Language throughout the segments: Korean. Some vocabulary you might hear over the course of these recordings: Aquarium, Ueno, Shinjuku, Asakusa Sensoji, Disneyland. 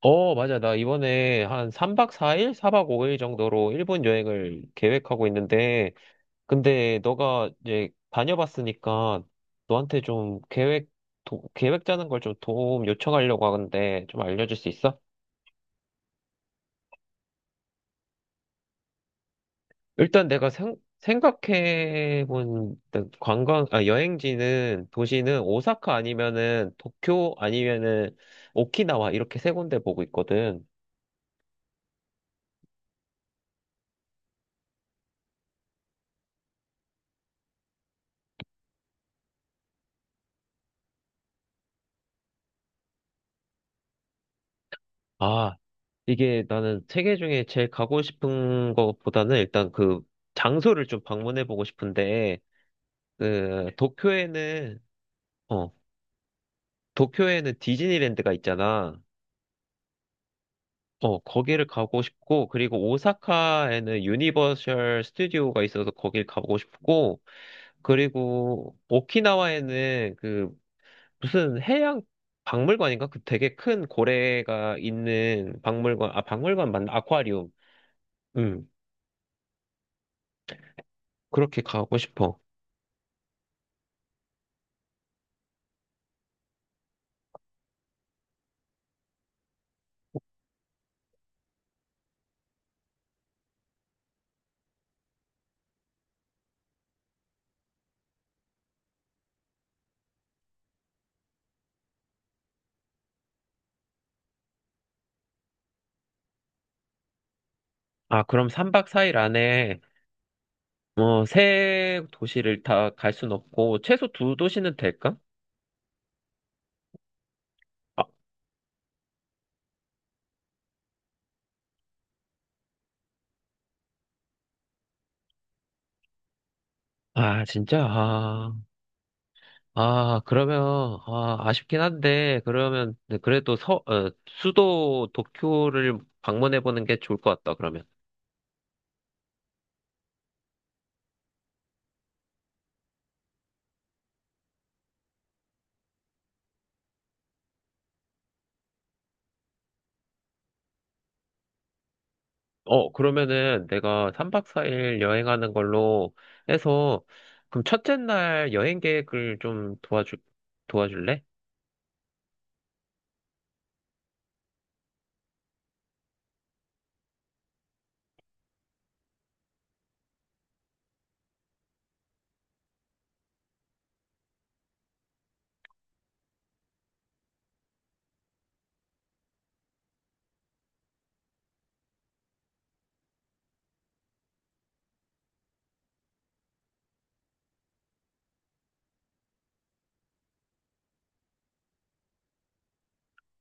어, 맞아. 나 이번에 한 3박 4일, 4박 5일 정도로 일본 여행을 계획하고 있는데, 근데 너가 이제 다녀봤으니까 너한테 좀 계획, 계획 짜는 걸 좀 도움 요청하려고 하는데 좀 알려줄 수 있어? 일단 내가 생각해본 일단 관광, 아, 여행지는, 도시는 오사카 아니면은 도쿄 아니면은 오키나와 이렇게 세 군데 보고 있거든. 아, 이게 나는 세계 중에 제일 가고 싶은 것보다는 일단 그 장소를 좀 방문해 보고 싶은데 그 도쿄에는 어 도쿄에는 디즈니랜드가 있잖아. 어 거기를 가고 싶고, 그리고 오사카에는 유니버셜 스튜디오가 있어서 거길 가고 싶고, 그리고 오키나와에는 그 무슨 해양 박물관인가? 그 되게 큰 고래가 있는 박물관, 아 박물관 맞나? 아쿠아리움. 음 그렇게 가고 싶어. 아, 그럼 3박 4일 안에 뭐 세 도시를 다 갈 순 없고 최소 두 도시는 될까? 아, 아, 진짜? 아, 그러면 아, 아쉽긴 한데 그러면 네, 그래도 어, 수도 도쿄를 방문해 보는 게 좋을 것 같다. 그러면. 어, 그러면은 내가 3박 4일 여행하는 걸로 해서 그럼 첫째 날 여행 계획을 좀 도와주 도와줄래?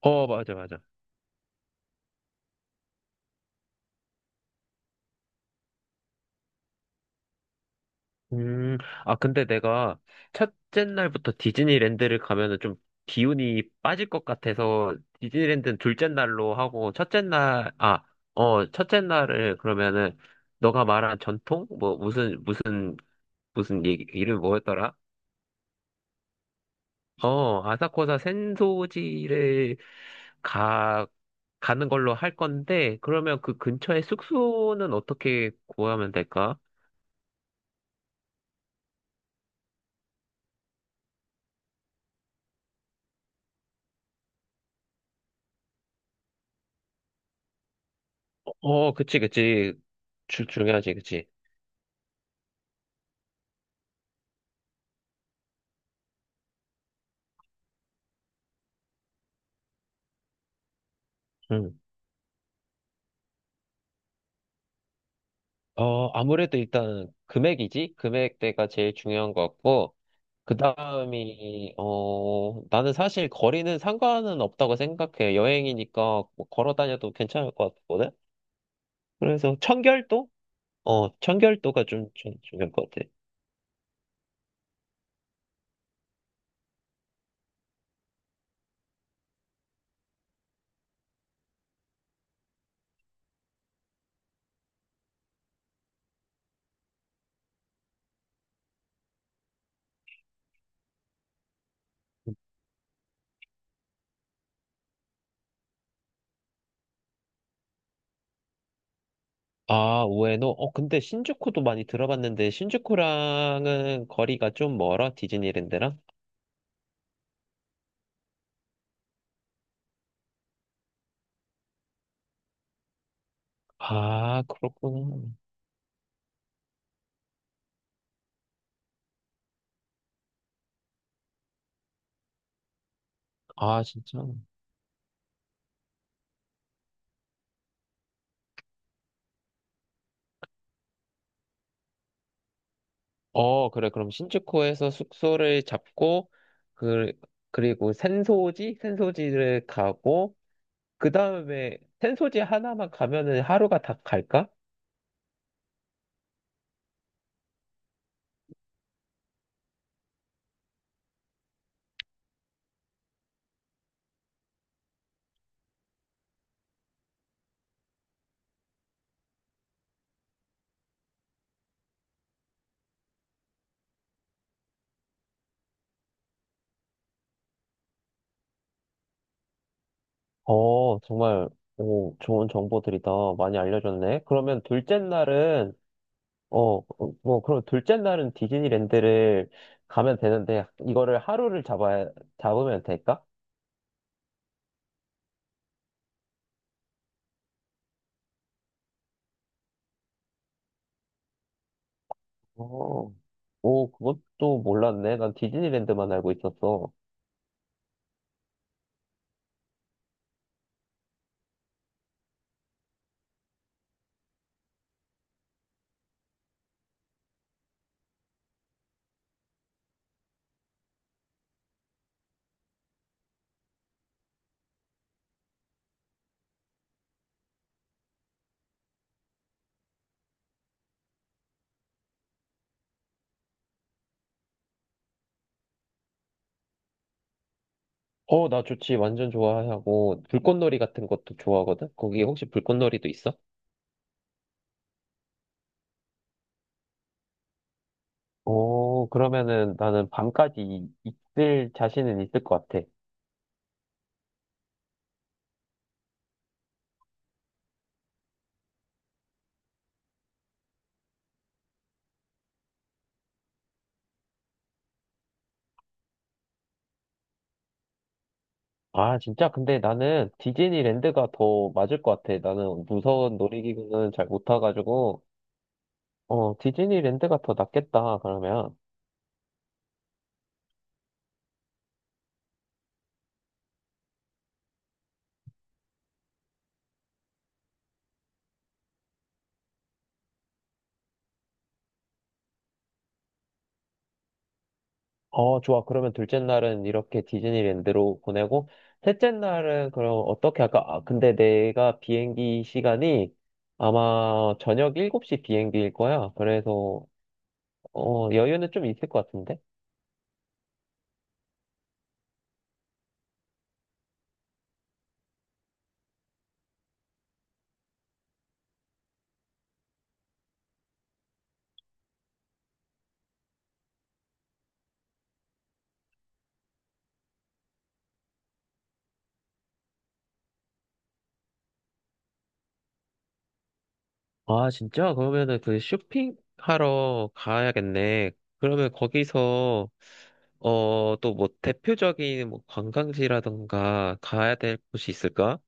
어, 맞아, 맞아. 음, 아, 근데 내가 첫째 날부터 디즈니랜드를 가면은 좀 기운이 빠질 것 같아서 디즈니랜드는 둘째 날로 하고 어, 첫째 날을 그러면은 너가 말한 전통? 뭐 무슨 얘기, 이름 뭐였더라? 어, 가, 가는 걸로 할 건데 그러면 그 근처에 숙소는 어떻게 구하면 될까? 어, 그치, 그치. 중요하지, 그치. 응. 어, 아무래도 일단 금액이지? 금액대가 제일 중요한 것 같고, 그 다음이, 어, 나는 사실 거리는 상관은 없다고 생각해. 여행이니까 뭐 걸어 다녀도 괜찮을 것 같거든? 그래서 청결도? 어, 청결도가 좀, 좀 중요할 것 같아. 아, 우에노? 어, 근데 신주쿠도 많이 들어봤는데, 신주쿠랑은 거리가 좀 멀어? 디즈니랜드랑? 아, 그렇구나. 아, 진짜. 어, 그래. 그럼 신주쿠에서 숙소를 잡고, 그, 그리고 센소지? 센소지를 가고, 그 다음에 센소지 하나만 가면은 하루가 다 갈까? 어, 정말, 오, 좋은 정보들이다. 많이 알려줬네. 그러면 둘째 날은, 어, 뭐, 그럼 둘째 날은 디즈니랜드를 가면 되는데, 잡으면 될까? 어, 오, 그것도 몰랐네. 난 디즈니랜드만 알고 있었어. 어, 나 좋지. 완전 좋아하고, 불꽃놀이 같은 것도 좋아하거든? 거기 혹시 불꽃놀이도 있어? 어, 그러면은 나는 밤까지 있을 자신은 있을 것 같아. 아, 진짜? 근데 나는 디즈니랜드가 더 맞을 것 같아. 나는 무서운 놀이기구는 잘 못 타가지고, 어, 디즈니랜드가 더 낫겠다, 그러면. 어, 좋아. 그러면 둘째 날은 이렇게 디즈니랜드로 보내고, 셋째 날은 그럼 어떻게 할까? 아, 근데 내가 비행기 시간이 아마 저녁 7시 비행기일 거야. 그래서, 어, 여유는 좀 있을 것 같은데? 아, 진짜? 그러면은 그 쇼핑하러 가야겠네. 그러면 거기서, 어, 또 뭐 대표적인 뭐 관광지라던가 가야 될 곳이 있을까?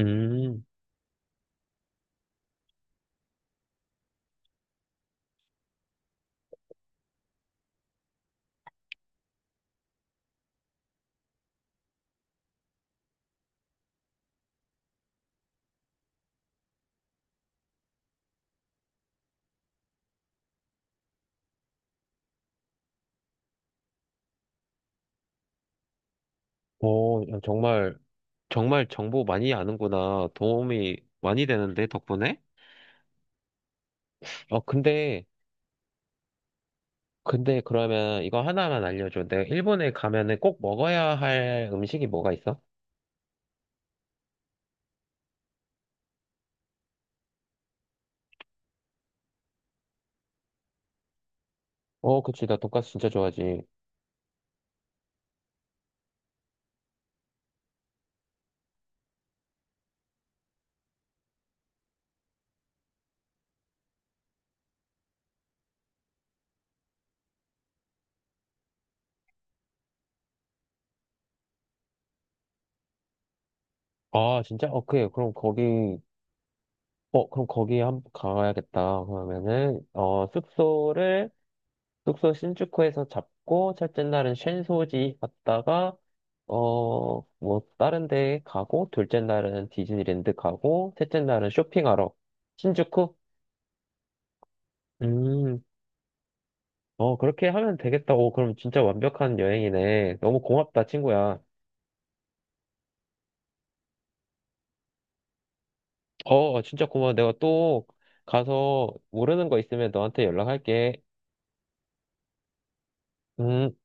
음, 오, 정말 정말 정보 많이 아는구나. 도움이 많이 되는데, 덕분에? 어, 근데, 근데 그러면 이거 하나만 알려줘. 내가 일본에 가면은 꼭 먹어야 할 음식이 뭐가 있어? 어, 그치. 나 돈까스 진짜 좋아하지. 아, 진짜? 오케이. 어, 그럼 거기 한, 가야겠다. 그러면은, 어, 숙소 신주쿠에서 잡고 첫째 날은 쉔소지 갔다가 어 뭐 다른 데 가고 둘째 날은 디즈니랜드 가고 셋째 날은 쇼핑하러 신주쿠? 음, 어 그렇게 하면 되겠다. 오 그럼 진짜 완벽한 여행이네. 너무 고맙다 친구야. 어 진짜 고마워. 내가 또 가서 모르는 거 있으면 너한테 연락할게. 음.